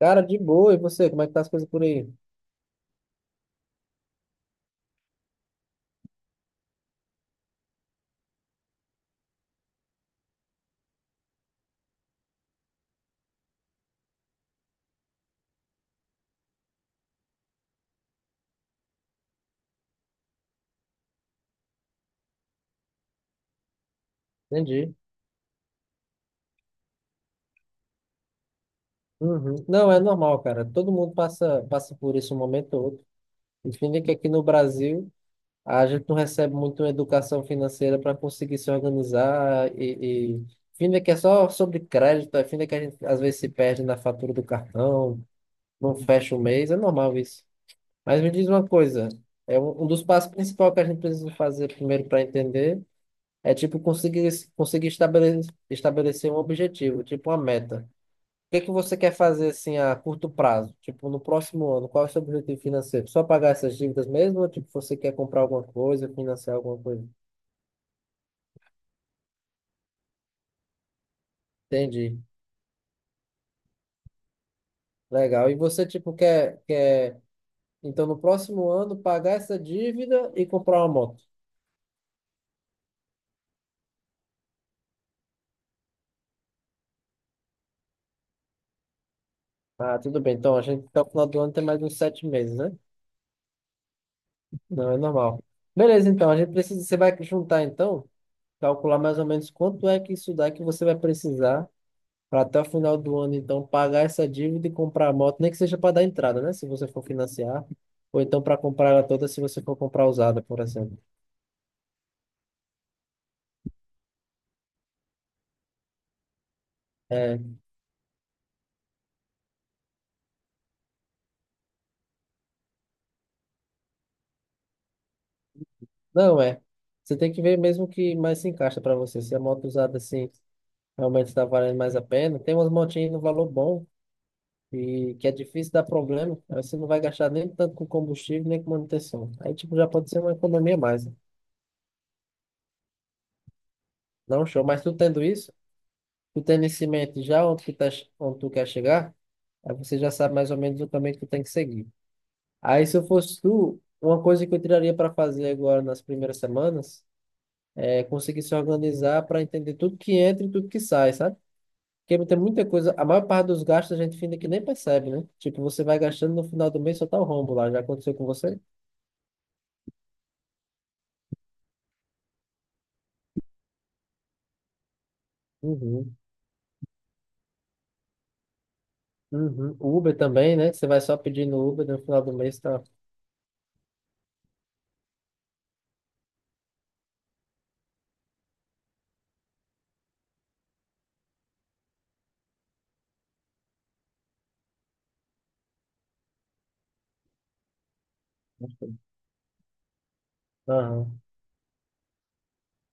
Cara, de boa. E você, como é que tá as coisas por aí? Entendi. Uhum. Não, é normal, cara. Todo mundo passa por isso um momento ou outro. Enfim, é que aqui no Brasil a gente não recebe muito educação financeira para conseguir se organizar e... Enfim, é que é só sobre crédito, é fim é que a gente às vezes se perde na fatura do cartão, não fecha o mês, é normal isso. Mas me diz uma coisa, é um dos passos principais que a gente precisa fazer primeiro para entender. É tipo conseguir estabelecer um objetivo, tipo uma meta. O que é que você quer fazer assim a curto prazo? Tipo, no próximo ano, qual é o seu objetivo financeiro? Só pagar essas dívidas mesmo ou tipo você quer comprar alguma coisa, financiar alguma coisa? Entendi. Legal. E você tipo quer então no próximo ano pagar essa dívida e comprar uma moto? Ah, tudo bem. Então a gente até o final do ano tem mais uns 7 meses, né? Não, é normal. Beleza, então a gente precisa, você vai juntar então calcular mais ou menos quanto é que isso dá que você vai precisar para até o final do ano, então, pagar essa dívida e comprar a moto, nem que seja para dar entrada, né? Se você for financiar, ou então para comprar ela toda, se você for comprar usada, por exemplo. É, não é. Você tem que ver mesmo o que mais se encaixa para você. Se a moto usada assim realmente está valendo mais a pena, tem umas motinhas no valor bom. E que é difícil dar problema, aí você não vai gastar nem tanto com combustível, nem com manutenção. Aí, tipo, já pode ser uma economia a mais, né? Não, show. Mas tu tendo isso, tu tem nesse mente já onde tu, tá, onde tu quer chegar, aí você já sabe mais ou menos o caminho que tu tem que seguir. Aí, se eu fosse tu, uma coisa que eu tiraria para fazer agora nas primeiras semanas é conseguir se organizar para entender tudo que entra e tudo que sai, sabe? Porque tem muita coisa, a maior parte dos gastos a gente finda que nem percebe, né? Tipo, você vai gastando no final do mês só tá o rombo lá. Já aconteceu com você? Uhum. Uhum. Uber também, né? Você vai só pedindo Uber no final do mês, tá. Aham.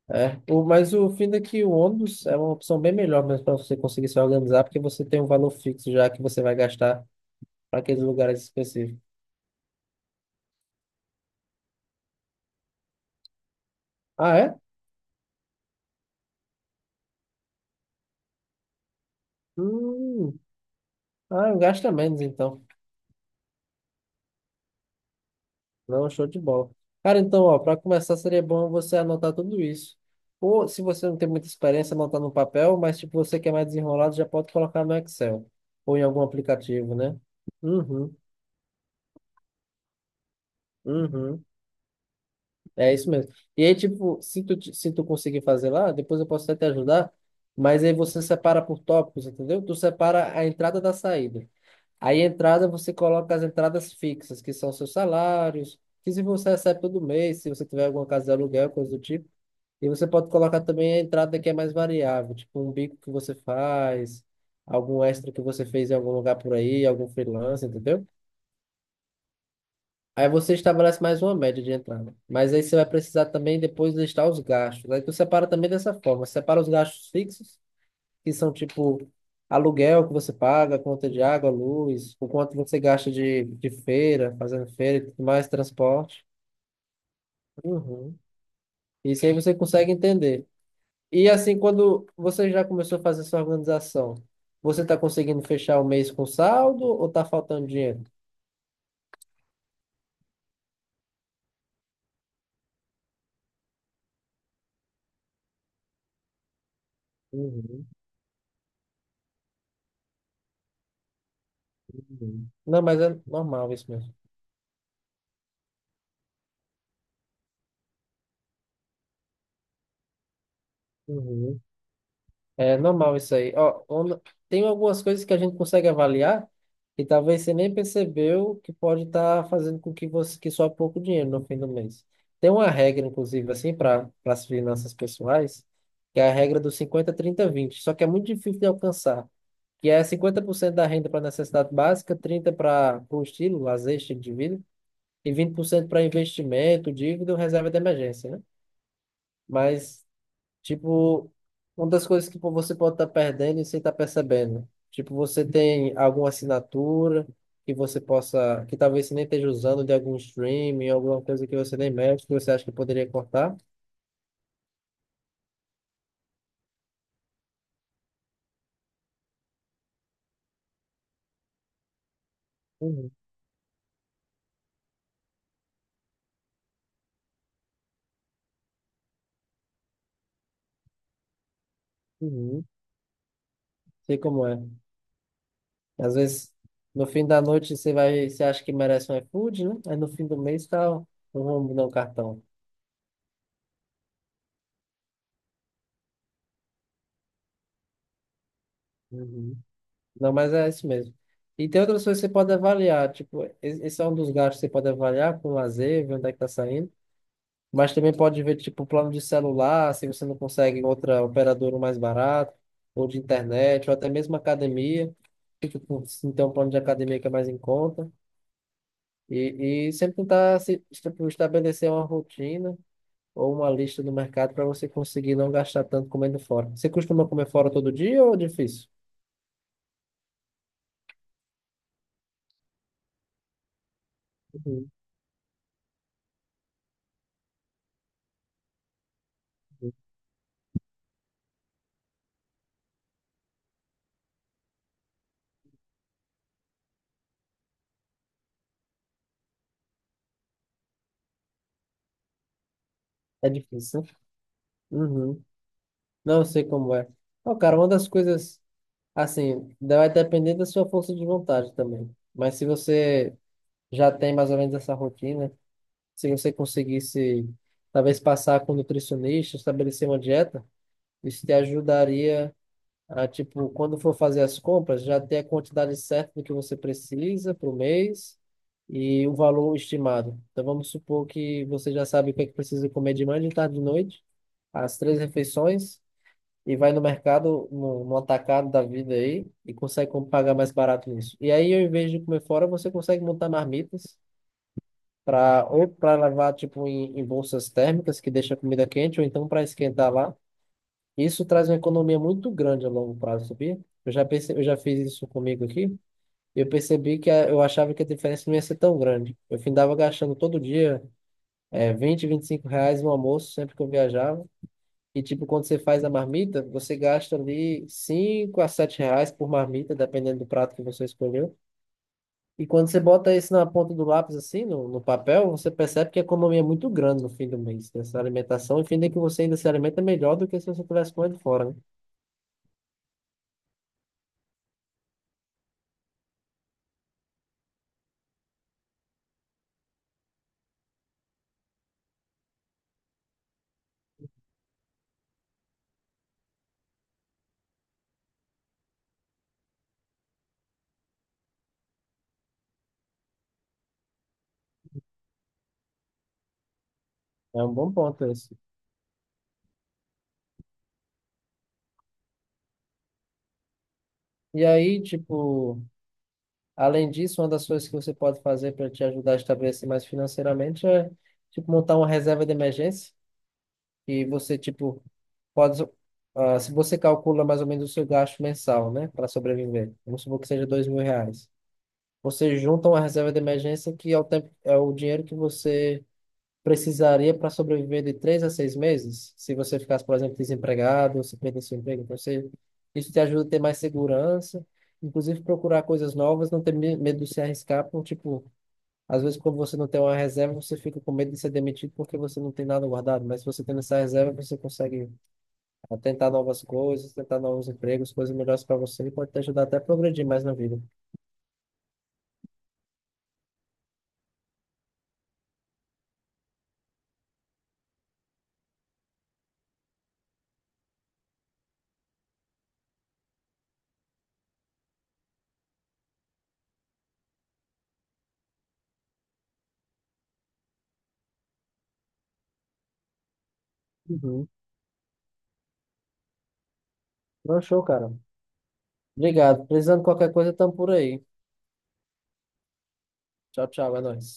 É, o, mas o fim é que o ônibus é uma opção bem melhor mesmo para você conseguir se organizar, porque você tem um valor fixo já que você vai gastar para aqueles lugares específicos. Ah, é? Hum, ah, gasta menos então. Não, show de bola. Cara, então, ó, para começar seria bom você anotar tudo isso. Ou se você não tem muita experiência, anotar no papel, mas tipo, você que é mais desenrolado, já pode colocar no Excel ou em algum aplicativo, né? Uhum. Uhum. É isso mesmo. E aí, tipo, se tu, se tu conseguir fazer lá, depois eu posso até te ajudar, mas aí você separa por tópicos, entendeu? Tu separa a entrada da saída. Aí, a entrada, você coloca as entradas fixas, que são seus salários, que se você recebe todo mês, se você tiver alguma casa de aluguel, coisa do tipo. E você pode colocar também a entrada que é mais variável, tipo um bico que você faz, algum extra que você fez em algum lugar por aí, algum freelance, entendeu? Aí você estabelece mais uma média de entrada. Mas aí você vai precisar também depois listar os gastos. Aí tu separa também dessa forma, separa os gastos fixos, que são tipo aluguel que você paga, conta de água, luz, o quanto você gasta de feira, fazendo feira e tudo mais, transporte. Uhum. Isso aí você consegue entender. E assim, quando você já começou a fazer sua organização, você está conseguindo fechar o mês com saldo ou está faltando dinheiro? Uhum. Uhum. Não, mas é normal isso mesmo. Uhum. É normal isso aí. Ó, tem algumas coisas que a gente consegue avaliar e talvez você nem percebeu que pode estar fazendo com que você que só pouco dinheiro no fim do mês. Tem uma regra, inclusive, assim, para as finanças pessoais, que é a regra do 50, 30, 20. Só que é muito difícil de alcançar. Que é 50% da renda para necessidade básica, 30% para o estilo, lazer, estilo de vida, e 20% para investimento, dívida ou reserva de emergência, né? Mas tipo, uma das coisas que pô, você pode estar perdendo e sem estar percebendo. Tipo, você tem alguma assinatura que você possa, que talvez você nem esteja usando de algum streaming, alguma coisa que você nem mexe, que você acha que poderia cortar? Uhum. Uhum. Sei como é. Às vezes, no fim da noite, você vai, você acha que merece um iFood, né? Aí no fim do mês tá um rombo no cartão. Uhum. Não, mas é isso mesmo. E tem outras coisas que você pode avaliar, tipo, esse é um dos gastos que você pode avaliar com lazer, ver onde é que tá saindo. Mas também pode ver, tipo, plano de celular, se você não consegue outra operadora mais barato, ou de internet, ou até mesmo academia. Tipo, se tem um plano de academia que é mais em conta. E sempre tentar se, tipo, estabelecer uma rotina ou uma lista do mercado para você conseguir não gastar tanto comendo fora. Você costuma comer fora todo dia ou é difícil? Uhum. Uhum. É difícil, né? Uhum. Não sei como é. Ó, cara, uma das coisas, assim, vai depender da sua força de vontade também. Mas se você já tem mais ou menos essa rotina, se você conseguisse talvez passar com um nutricionista, estabelecer uma dieta, isso te ajudaria. Ah, tipo, quando for fazer as compras, já ter a quantidade certa do que você precisa para o mês e o valor estimado. Então, vamos supor que você já sabe o que é que precisa comer de manhã, de tarde de noite, as três refeições, e vai no mercado, no atacado da vida aí, e consegue pagar mais barato nisso. E aí, ao invés de comer fora, você consegue montar marmitas para ou para levar, tipo, em bolsas térmicas, que deixa a comida quente, ou então para esquentar lá. Isso traz uma economia muito grande a longo prazo, sabia? Eu já eu já fiz isso comigo aqui. Eu percebi eu achava que a diferença não ia ser tão grande. Eu findava gastando todo dia 20, R$ 25 no almoço, sempre que eu viajava. E, tipo, quando você faz a marmita, você gasta ali R$ 5 a R$ 7 por marmita, dependendo do prato que você escolheu. E quando você bota isso na ponta do lápis, assim, no papel, você percebe que a economia é muito grande no fim do mês, dessa alimentação. E fim de que você ainda se alimenta melhor do que se você tivesse comendo fora, né? É um bom ponto esse. E aí, tipo, além disso, uma das coisas que você pode fazer para te ajudar a estabelecer mais financeiramente é, tipo, montar uma reserva de emergência e você, tipo, pode, se você calcula mais ou menos o seu gasto mensal, né, para sobreviver, vamos supor que seja R$ 2.000, você junta uma reserva de emergência que é o tempo, é o dinheiro que você precisaria para sobreviver de 3 a 6 meses, se você ficasse, por exemplo, desempregado, se perdesse seu emprego, então você, isso te ajuda a ter mais segurança, inclusive procurar coisas novas, não ter medo de se arriscar, por tipo, às vezes quando você não tem uma reserva, você fica com medo de ser demitido porque você não tem nada guardado, mas se você tem essa reserva, você consegue tentar novas coisas, tentar novos empregos, coisas melhores para você e pode te ajudar até a progredir mais na vida. Uhum. Não, show, cara. Obrigado. Precisando de qualquer coisa, estamos por aí. Tchau, tchau, é nóis.